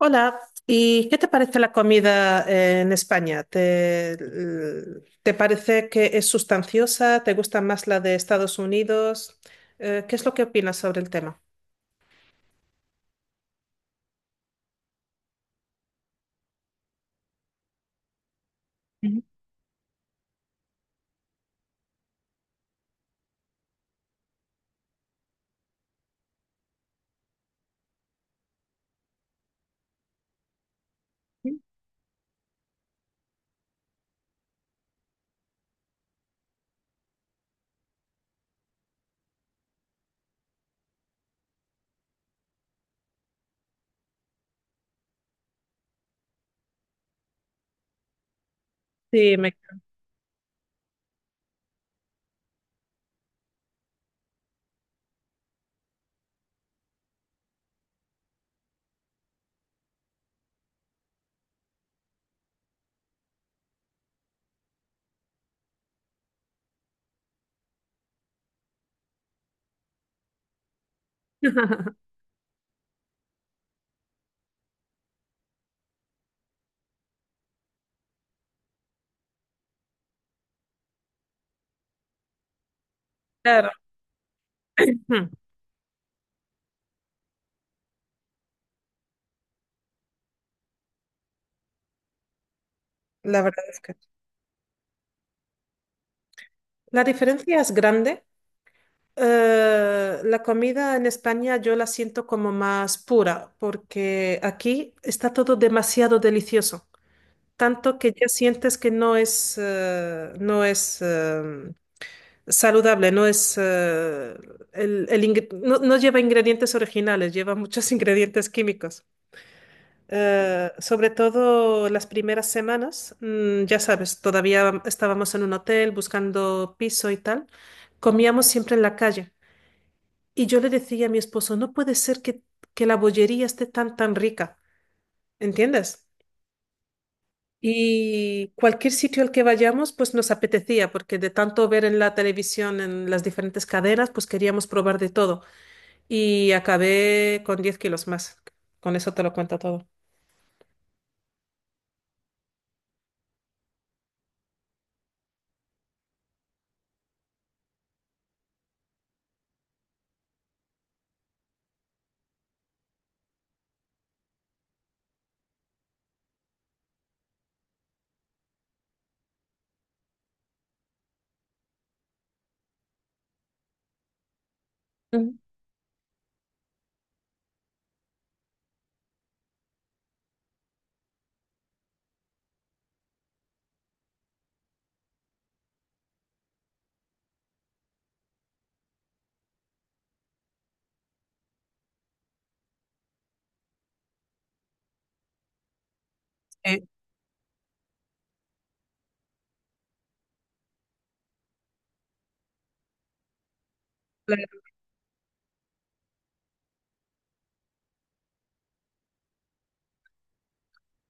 Hola, ¿y qué te parece la comida en España? ¿Te parece que es sustanciosa? ¿Te gusta más la de Estados Unidos? ¿Qué es lo que opinas sobre el tema? Sí, me... Claro. Ujú. La verdad es que la diferencia es grande. La comida en España yo la siento como más pura, porque aquí está todo demasiado delicioso, tanto que ya sientes que saludable, no es no, no lleva ingredientes originales, lleva muchos ingredientes químicos. Sobre todo las primeras semanas, ya sabes, todavía estábamos en un hotel buscando piso y tal, comíamos siempre en la calle. Y yo le decía a mi esposo, no puede ser que la bollería esté tan rica, ¿entiendes? Y cualquier sitio al que vayamos, pues nos apetecía, porque de tanto ver en la televisión, en las diferentes cadenas, pues queríamos probar de todo. Y acabé con 10 kilos más. Con eso te lo cuento todo. Ujú. Sí, claro.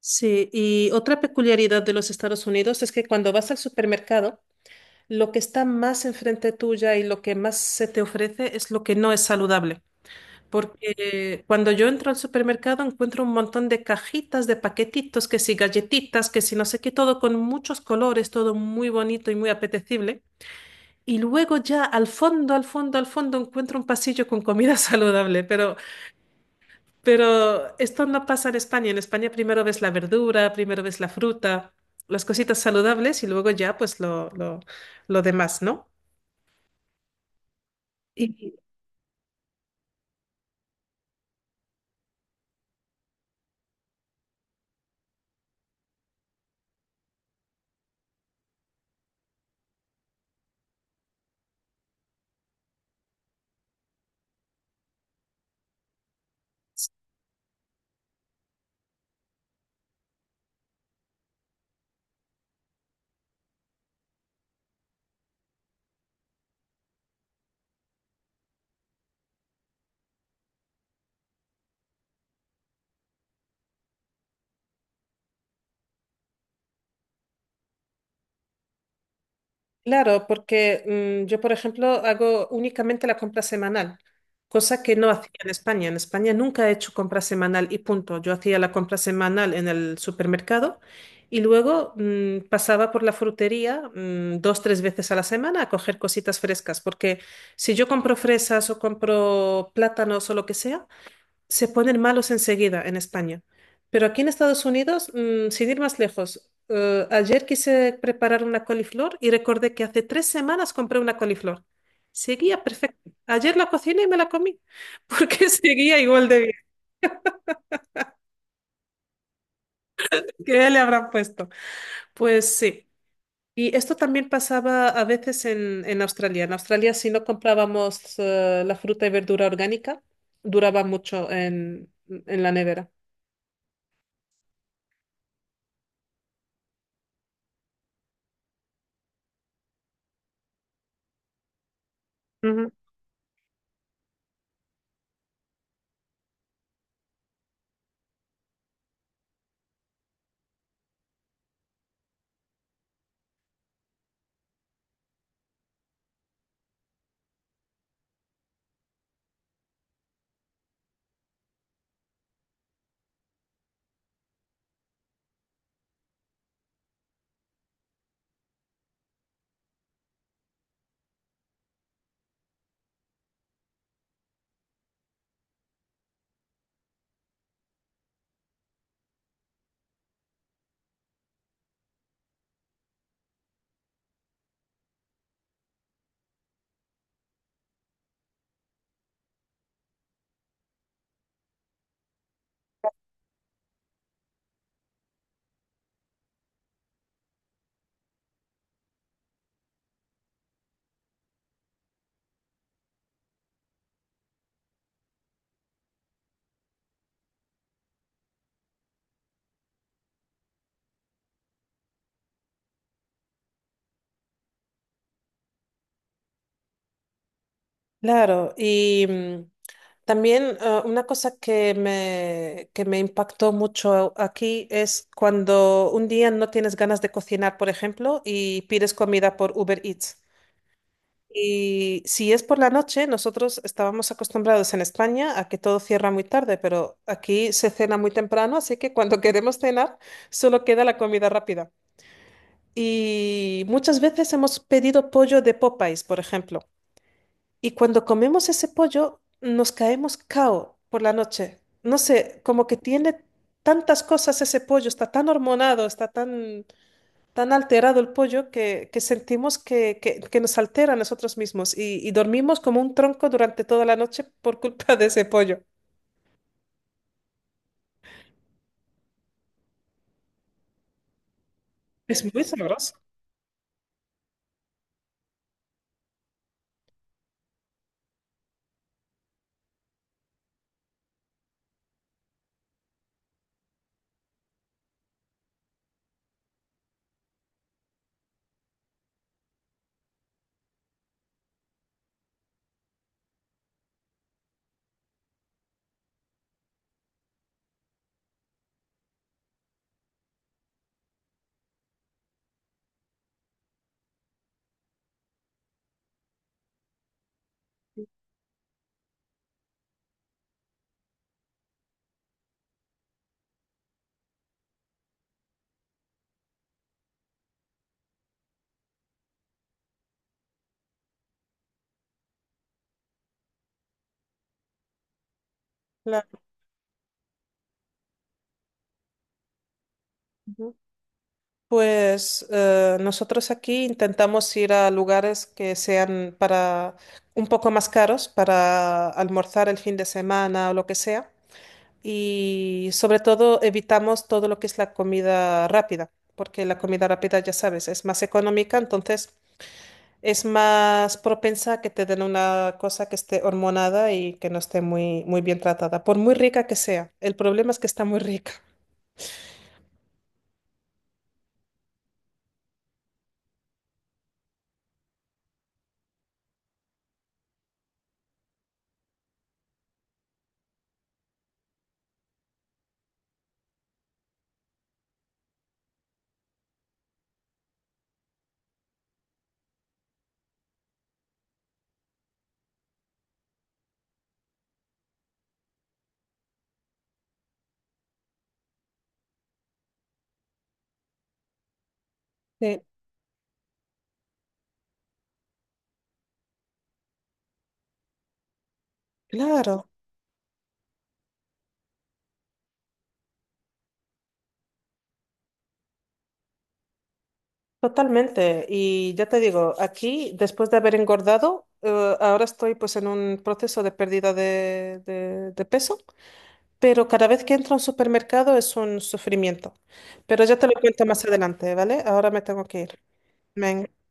Sí, y otra peculiaridad de los Estados Unidos es que cuando vas al supermercado, lo que está más enfrente tuya y lo que más se te ofrece es lo que no es saludable. Porque cuando yo entro al supermercado encuentro un montón de cajitas, de paquetitos, que si galletitas, que si no sé qué, todo con muchos colores, todo muy bonito y muy apetecible. Y luego ya al fondo encuentro un pasillo con comida saludable, pero esto no pasa en España. En España primero ves la verdura, primero ves la fruta, las cositas saludables y luego ya pues lo demás, ¿no? Y claro, porque yo, por ejemplo, hago únicamente la compra semanal, cosa que no hacía en España. En España nunca he hecho compra semanal y punto. Yo hacía la compra semanal en el supermercado y luego pasaba por la frutería dos, tres veces a la semana a coger cositas frescas, porque si yo compro fresas o compro plátanos o lo que sea, se ponen malos enseguida en España. Pero aquí en Estados Unidos, sin ir más lejos, ayer quise preparar una coliflor y recordé que hace 3 semanas compré una coliflor. Seguía perfecta. Ayer la cociné y me la comí, porque seguía igual de bien. ¿Qué le habrán puesto? Pues sí. Y esto también pasaba a veces en Australia. En Australia, si no comprábamos la fruta y verdura orgánica, duraba mucho en la nevera. Claro, y también una cosa que que me impactó mucho aquí es cuando un día no tienes ganas de cocinar, por ejemplo, y pides comida por Uber Eats. Y si es por la noche, nosotros estábamos acostumbrados en España a que todo cierra muy tarde, pero aquí se cena muy temprano, así que cuando queremos cenar solo queda la comida rápida. Y muchas veces hemos pedido pollo de Popeyes, por ejemplo. Y cuando comemos ese pollo, nos caemos cao por la noche. No sé, como que tiene tantas cosas ese pollo, está tan hormonado, tan alterado el pollo que sentimos que nos altera a nosotros mismos y dormimos como un tronco durante toda la noche por culpa de ese pollo. Es muy sabroso. Claro. Ujú. Pues nosotros aquí intentamos ir a lugares que sean para un poco más caros para almorzar el fin de semana o lo que sea. Y sobre todo evitamos todo lo que es la comida rápida, porque la comida rápida, ya sabes, es más económica, entonces es más propensa a que te den una cosa que esté hormonada y que no esté muy bien tratada, por muy rica que sea. El problema es que está muy rica. Sí, claro, totalmente. Y ya te digo, aquí, después de haber engordado, ahora estoy pues en un proceso de pérdida de peso. Pero cada vez que entro a un supermercado es un sufrimiento. Pero ya te lo cuento más adelante, ¿vale? Ahora me tengo que ir. Venga.